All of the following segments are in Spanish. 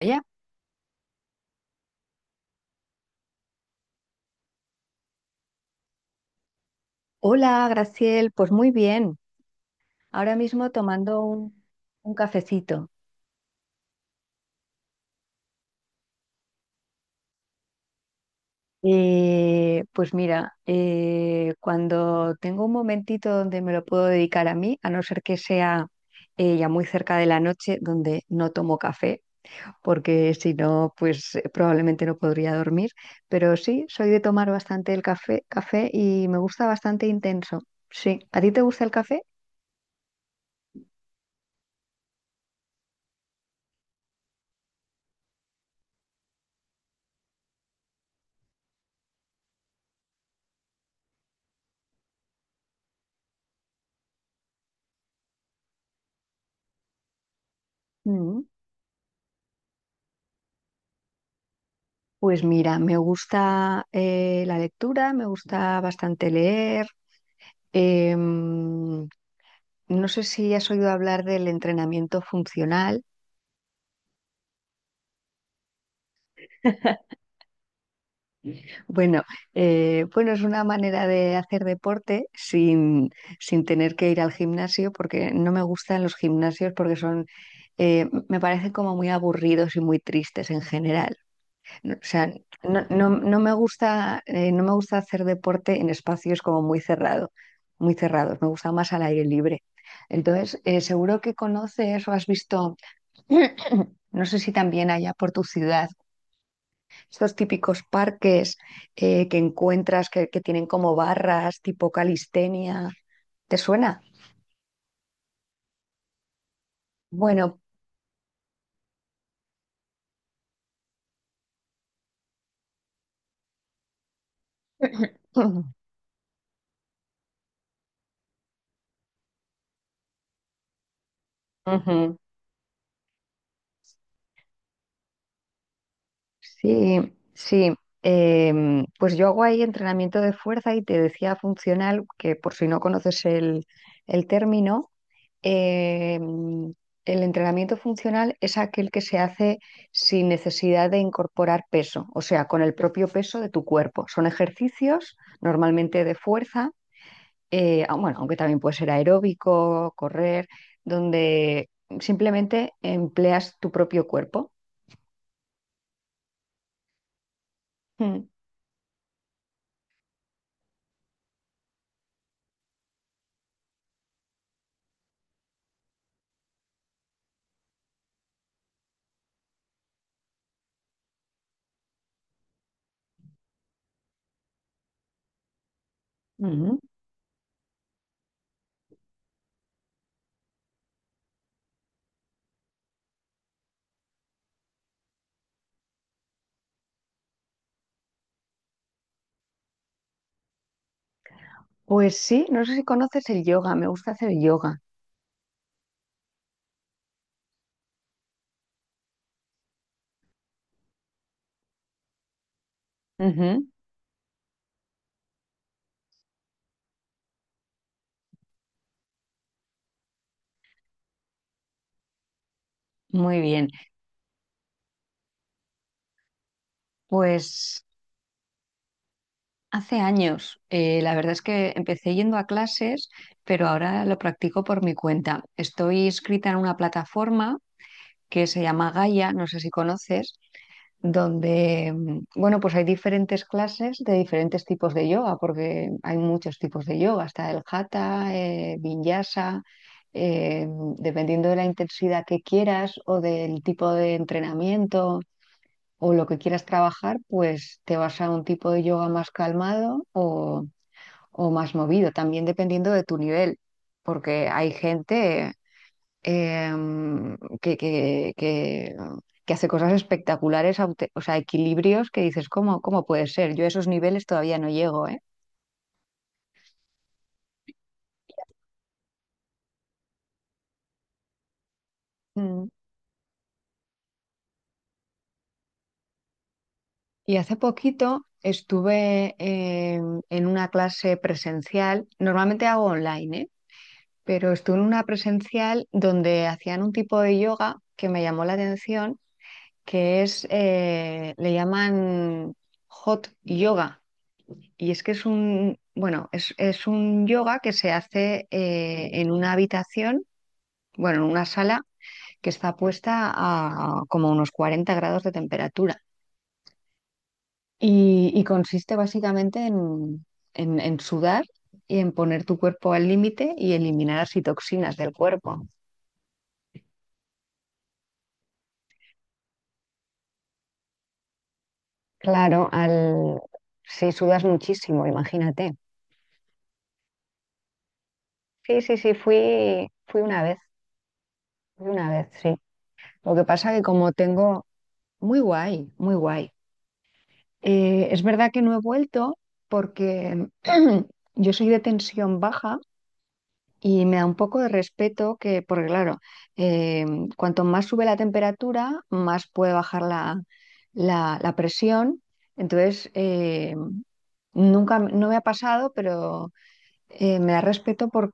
Ella. Hola, Graciel, pues muy bien. Ahora mismo tomando un cafecito. Pues mira, cuando tengo un momentito donde me lo puedo dedicar a mí, a no ser que sea ya muy cerca de la noche donde no tomo café, porque si no, pues probablemente no podría dormir. Pero sí, soy de tomar bastante el café, café y me gusta bastante intenso. Sí, ¿a ti te gusta el café? Mm. Pues mira, me gusta la lectura, me gusta bastante leer. em, no sé si has oído hablar del entrenamiento funcional. Bueno, bueno, es una manera de hacer deporte sin tener que ir al gimnasio, porque no me gustan los gimnasios porque son, me parecen como muy aburridos y muy tristes en general. O sea, no me gusta, no me gusta hacer deporte en espacios como muy muy cerrados. Me gusta más al aire libre. Entonces, seguro que conoces o has visto, no sé si también allá por tu ciudad, estos típicos parques que encuentras que tienen como barras tipo calistenia. ¿Te suena? Bueno, ujú. Sí, sí. Pues yo hago ahí entrenamiento de fuerza y te decía funcional, que por si no conoces el término, em, el entrenamiento funcional es aquel que se hace sin necesidad de incorporar peso, o sea, con el propio peso de tu cuerpo. Son ejercicios normalmente de fuerza, bueno, aunque también puede ser aeróbico, correr, donde simplemente empleas tu propio cuerpo. Mm. Pues sí, no sé si conoces el yoga, me gusta hacer yoga. Ujú, muy bien. Pues hace años, la verdad es que empecé yendo a clases, pero ahora lo practico por mi cuenta. Estoy inscrita en una plataforma que se llama Gaia, no sé si conoces. Donde, mm, bueno, pues hay diferentes clases de diferentes tipos de yoga, porque hay muchos tipos de yoga, está el hatha, vinyasa, eh, dependiendo de la intensidad que quieras o del tipo de entrenamiento o lo que quieras trabajar, pues te vas a un tipo de yoga más calmado o más movido, también dependiendo de tu nivel, porque hay gente em, que, que, que- que hace cosas espectaculares, o sea, equilibrios que dices, ¿ cómo puede ser? Yo a esos niveles todavía no llego, ¿eh? Mm. Y hace poquito estuve en una clase presencial, normalmente hago online, ¿eh? Pero estuve en una presencial donde hacían un tipo de yoga que me llamó la atención, le llaman hot yoga. Y es que es un, bueno, es un yoga que se hace en una habitación, bueno, en una sala que está puesta a como unos 40 grados de temperatura. Y consiste básicamente en, en sudar y en poner tu cuerpo al límite y eliminar así toxinas del cuerpo. Claro, al... Sí, sudas muchísimo, imagínate. Sí, sí, sí, fui una vez, sí. Lo que pasa que como tengo, muy guay, muy guay. Es verdad que no he vuelto porque yo soy de tensión baja y me da un poco de respeto porque claro, eh, cuanto más sube la temperatura, más puede bajar la presión. Entonces, nunca, no me ha pasado, pero me da respeto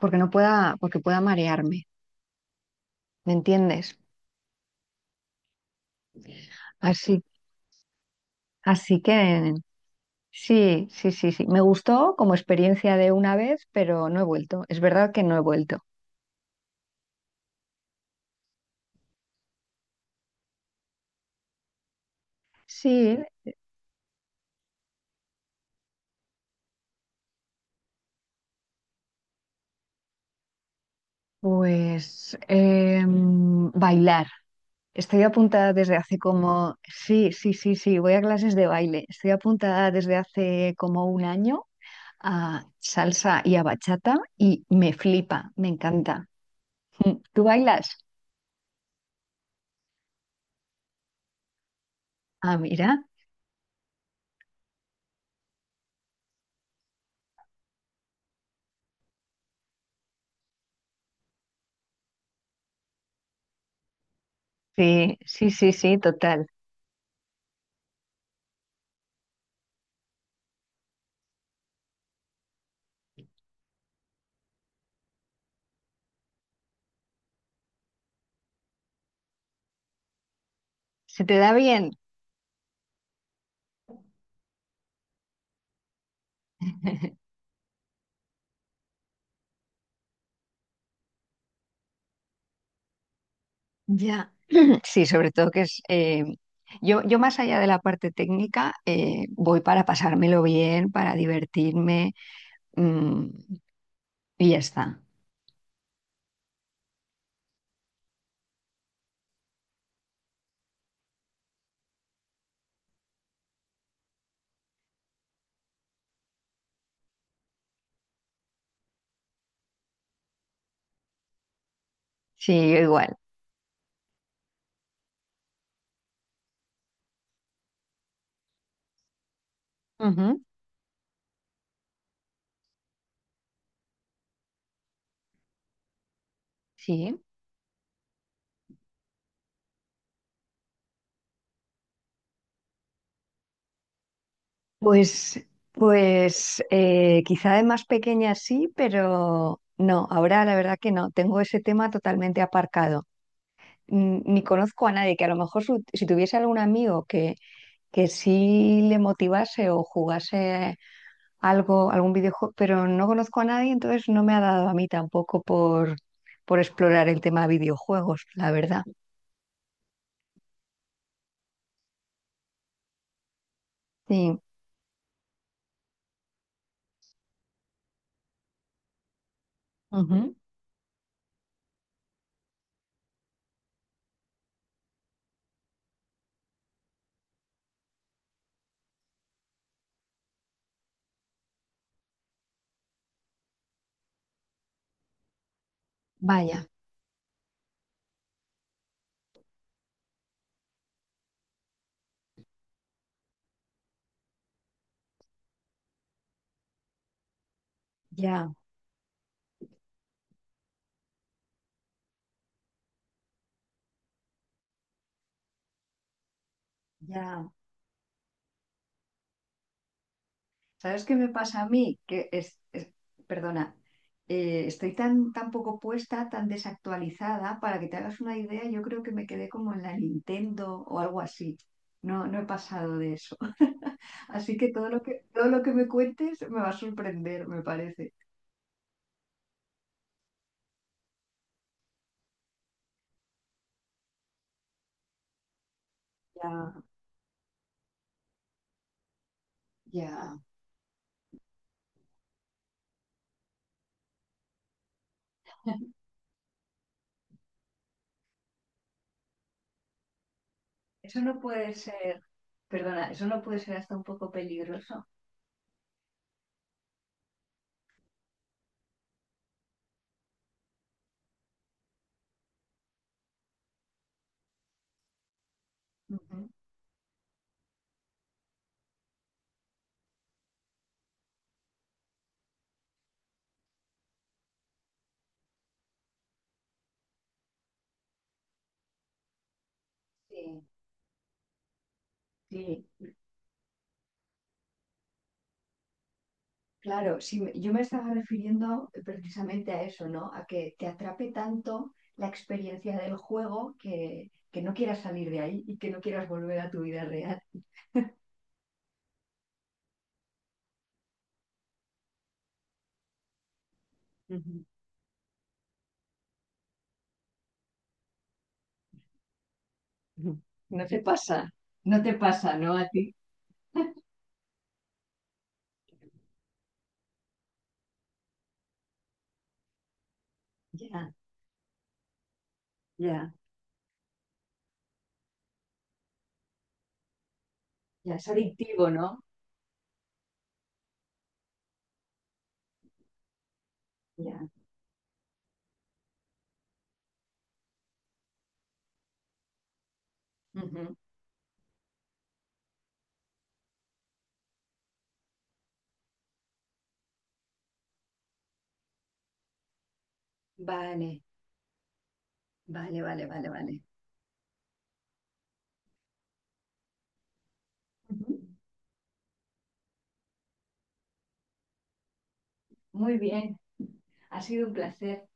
porque no pueda, porque pueda marearme, ¿me entiendes? Así, así que sí, sí, sí, sí. Me gustó como experiencia de una vez, pero no he vuelto. Es verdad que no he vuelto. Sí, pues bailar. Estoy apuntada desde hace como, sí, sí, sí, sí, voy a clases de baile. Estoy apuntada desde hace como un año a salsa y a bachata y me flipa, me encanta. Mm, ¿tú bailas? Ah, mira. Sí, sí, sí, sí, total. ¿Se te da bien? Ya, sí, sobre todo que es... yo más allá de la parte técnica, voy para pasármelo bien, para divertirme, mm, y ya está. Sí, yo igual. Ujú, sí. Pues, pues quizá de más pequeña sí, pero no, ahora la verdad que no, tengo ese tema totalmente aparcado. Mm, ni conozco a nadie que a lo mejor si tuviese algún amigo que sí le motivase o jugase algo, algún videojuego, pero no conozco a nadie, entonces no me ha dado a mí tampoco por explorar el tema de videojuegos, la verdad. Sí, ujú. Vaya, ya, ya. ¿Sabes qué me pasa a mí? Perdona, estoy tan, tan poco puesta, tan desactualizada, para que te hagas una idea, yo creo que me quedé como en la Nintendo o algo así. No, no he pasado de eso. Así que todo lo que, todo lo que me cuentes me va a sorprender, me parece. Ya, ya. Eso no puede ser, perdona, eso no puede ser hasta un poco peligroso. Ujú. Sí, sí, claro, sí, yo me estaba refiriendo precisamente a eso, ¿no? A que te atrape tanto la experiencia del juego que no quieras salir de ahí y que no quieras volver a tu vida real. Ujú, ujú. No te pasa, no te pasa, ¿no? A ti. Ya, ya, ya, es adictivo, ¿no? Ya. Ujú. Vale, vale, vale, vale, vale. Ujú. Muy bien, ha sido un placer.